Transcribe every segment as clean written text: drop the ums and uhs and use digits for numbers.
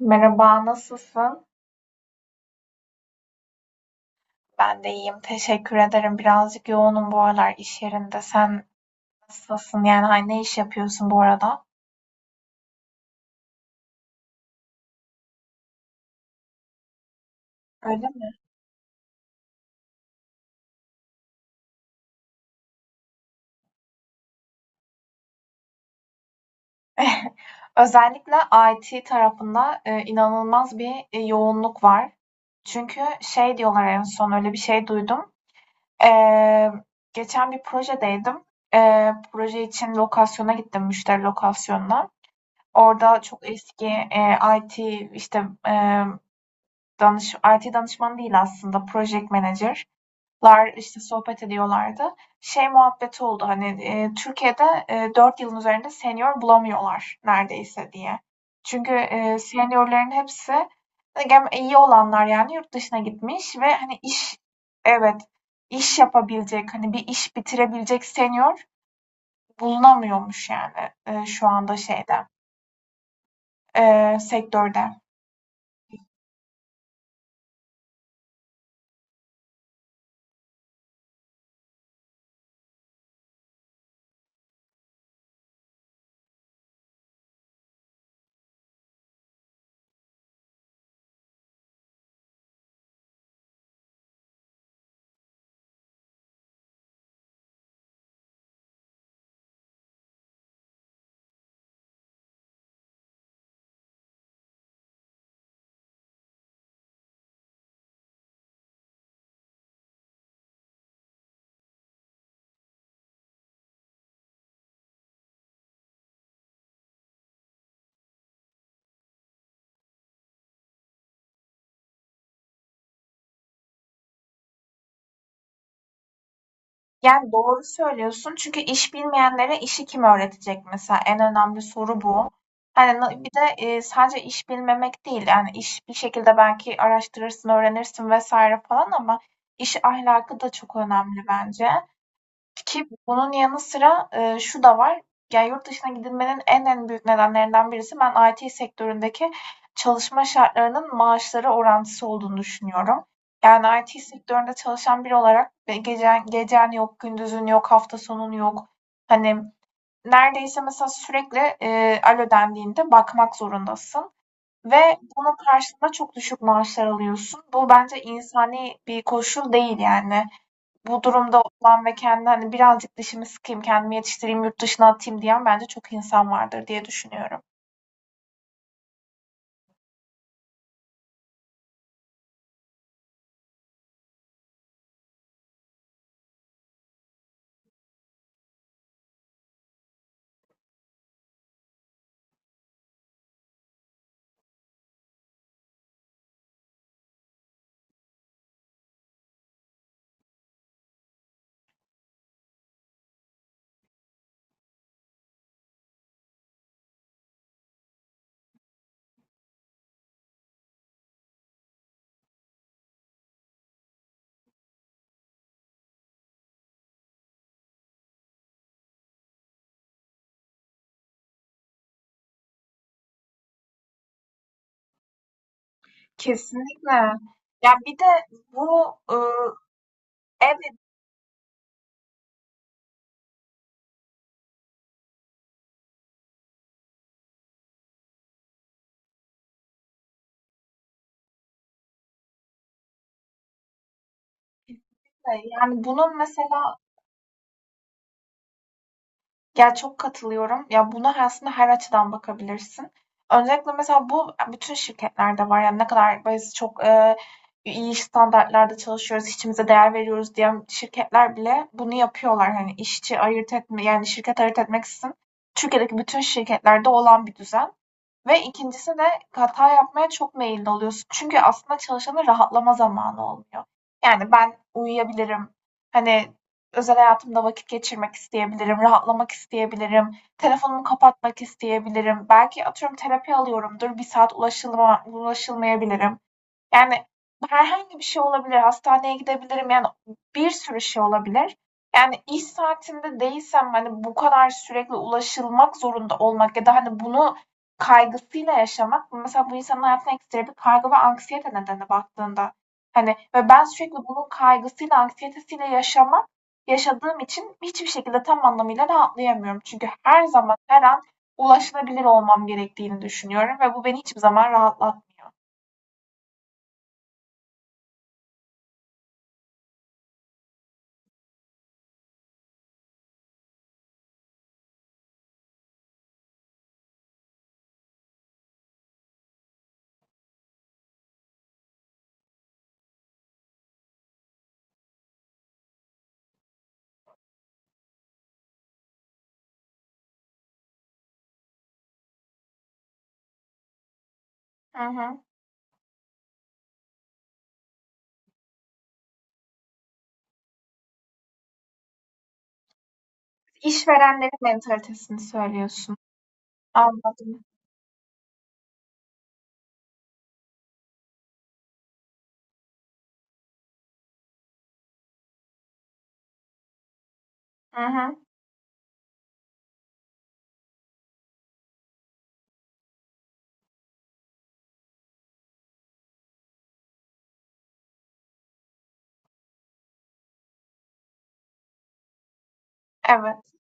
Merhaba, nasılsın? Ben de iyiyim, teşekkür ederim. Birazcık yoğunum bu aralar iş yerinde. Sen nasılsın? Yani hani ne iş yapıyorsun bu arada? Öyle mi? Özellikle IT tarafında inanılmaz bir yoğunluk var. Çünkü şey diyorlar, en son öyle bir şey duydum. Eee, geçen bir projedeydim. Proje için lokasyona gittim, müşteri lokasyonuna. Orada çok eski IT işte IT danışmanı değil aslında, project manager'lar işte sohbet ediyorlardı. Şey muhabbeti oldu hani, Türkiye'de 4 yılın üzerinde senior bulamıyorlar neredeyse diye. Çünkü seniorların hepsi iyi olanlar yani yurt dışına gitmiş, ve hani iş, evet, iş yapabilecek, hani bir iş bitirebilecek senior bulunamıyormuş yani şu anda şeyde, sektörde. Yani doğru söylüyorsun, çünkü iş bilmeyenlere işi kim öğretecek mesela, en önemli soru bu. Hani bir de sadece iş bilmemek değil, yani iş bir şekilde belki araştırırsın, öğrenirsin vesaire falan, ama iş ahlakı da çok önemli bence. Ki bunun yanı sıra, şu da var. Yani yurt dışına gidilmenin en büyük nedenlerinden birisi, ben IT sektöründeki çalışma şartlarının maaşlara orantısı olduğunu düşünüyorum. Yani IT sektöründe çalışan biri olarak ve gecen gecen yok, gündüzün yok, hafta sonun yok. Hani neredeyse mesela sürekli, alo dendiğinde bakmak zorundasın ve bunun karşılığında çok düşük maaşlar alıyorsun. Bu bence insani bir koşul değil yani. Bu durumda olan ve kendini, hani, birazcık dişimi sıkayım, kendimi yetiştireyim, yurt dışına atayım diyen bence çok insan vardır diye düşünüyorum. Kesinlikle. Ya, bir de bu, ııı, evet, de, yani, bunun mesela... Ya, çok katılıyorum. Ya, buna aslında her açıdan bakabilirsin. Öncelikle mesela bu bütün şirketlerde var. Yani ne kadar biz çok, iyi standartlarda çalışıyoruz, işçimize değer veriyoruz diyen şirketler bile bunu yapıyorlar. Hani işçi ayırt etme, yani şirket ayırt etmeksizin Türkiye'deki bütün şirketlerde olan bir düzen. Ve ikincisi de hata yapmaya çok meyilli oluyorsun. Çünkü aslında çalışanın rahatlama zamanı olmuyor. Yani ben uyuyabilirim. Hani özel hayatımda vakit geçirmek isteyebilirim, rahatlamak isteyebilirim, telefonumu kapatmak isteyebilirim. Belki atıyorum terapi alıyorumdur, bir saat ulaşılmayabilirim. Yani herhangi bir şey olabilir, hastaneye gidebilirim, yani bir sürü şey olabilir. Yani iş saatinde değilsem, hani bu kadar sürekli ulaşılmak zorunda olmak ya da hani bunu kaygısıyla yaşamak, mesela bu insanın hayatına ekstra bir kaygı ve anksiyete nedeni baktığında. Hani ve ben sürekli bunun kaygısıyla, anksiyetesiyle yaşadığım için hiçbir şekilde tam anlamıyla rahatlayamıyorum. Çünkü her zaman, her an ulaşılabilir olmam gerektiğini düşünüyorum ve bu beni hiçbir zaman rahatlatmıyor. Hı hı. İşverenlerin mentalitesini söylüyorsun. Anladım. Hı hı. Evet.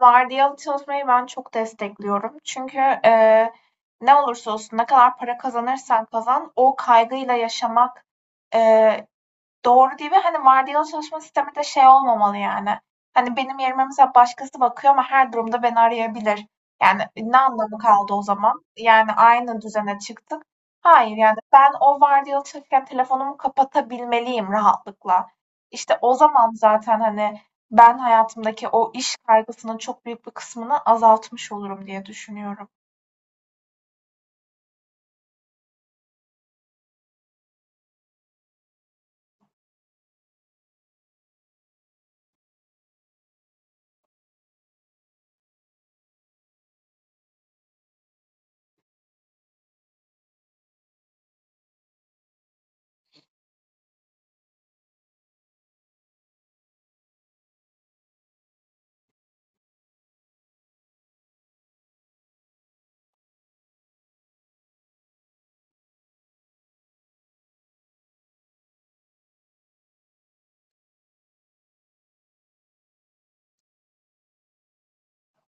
Vardiyalı çalışmayı ben çok destekliyorum. Çünkü ne olursa olsun, ne kadar para kazanırsan kazan o kaygıyla yaşamak eee, Doğru değil, ve hani vardiyalı çalışma sistemi de şey olmamalı yani. Hani benim yerime mesela başkası bakıyor ama her durumda beni arayabilir. Yani ne anlamı kaldı o zaman? Yani aynı düzene çıktık. Hayır, yani ben o vardiyalı çalışırken telefonumu kapatabilmeliyim rahatlıkla. İşte o zaman zaten, hani, ben hayatımdaki o iş kaygısının çok büyük bir kısmını azaltmış olurum diye düşünüyorum.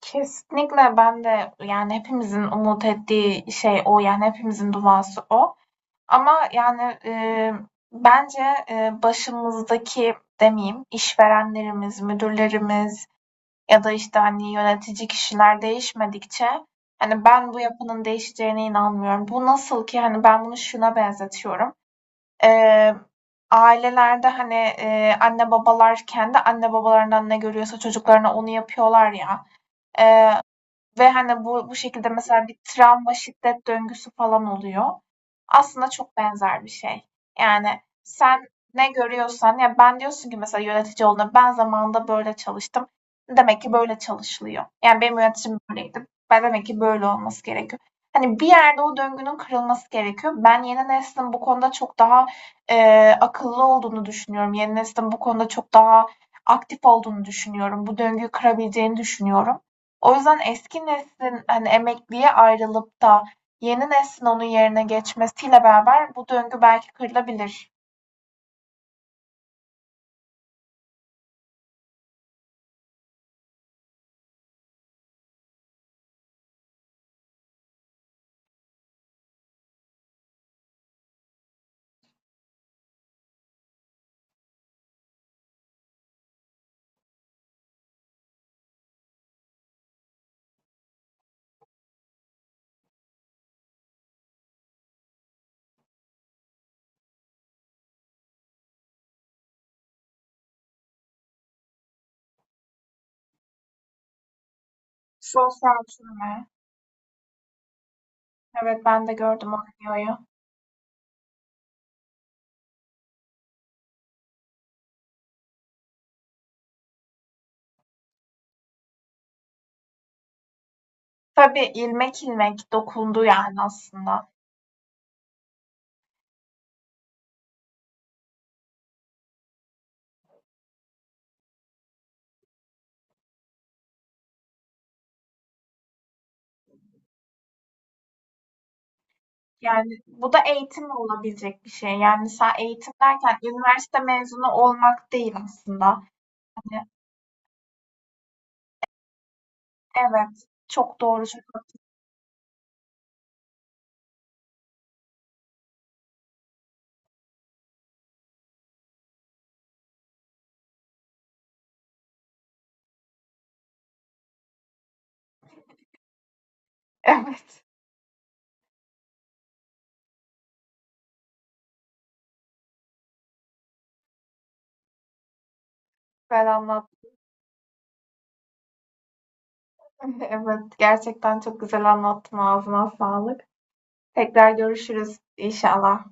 Kesinlikle, ben de yani hepimizin umut ettiği şey o, yani hepimizin duası o. Ama, yani, bence, başımızdaki demeyeyim, işverenlerimiz, müdürlerimiz ya da, işte, hani, yönetici kişiler değişmedikçe, hani, ben bu yapının değişeceğine inanmıyorum. Bu nasıl ki, hani, ben bunu şuna benzetiyorum: Eee, ailelerde, hani, anne babalar kendi anne babalarından ne görüyorsa çocuklarına onu yapıyorlar ya. Eee ve, hani, bu şekilde mesela bir travma, şiddet döngüsü falan oluyor. Aslında çok benzer bir şey. Yani, sen ne görüyorsan ya, ben diyorsun ki mesela yönetici olduğunda, ben zamanında böyle çalıştım. Demek ki böyle çalışılıyor. Yani, benim yöneticim böyleydi. Ben demek ki böyle olması gerekiyor. Hani, bir yerde o döngünün kırılması gerekiyor. Ben yeni neslin bu konuda çok daha, akıllı olduğunu düşünüyorum. Yeni neslin bu konuda çok daha aktif olduğunu düşünüyorum. Bu döngüyü kırabileceğini düşünüyorum. O yüzden eski neslin, hani, emekliye ayrılıp da yeni neslin onun yerine geçmesiyle beraber bu döngü belki kırılabilir. Sosyal çürüme. Evet, ben de gördüm o videoyu. Tabii, ilmek ilmek dokundu yani aslında. Yani bu da eğitimle olabilecek bir şey. Yani sen eğitim derken üniversite mezunu olmak değil aslında. Hani evet, çok doğru. Çok Evet, güzel anlattın. Evet, gerçekten çok güzel anlattın. Ağzına sağlık. Tekrar görüşürüz inşallah.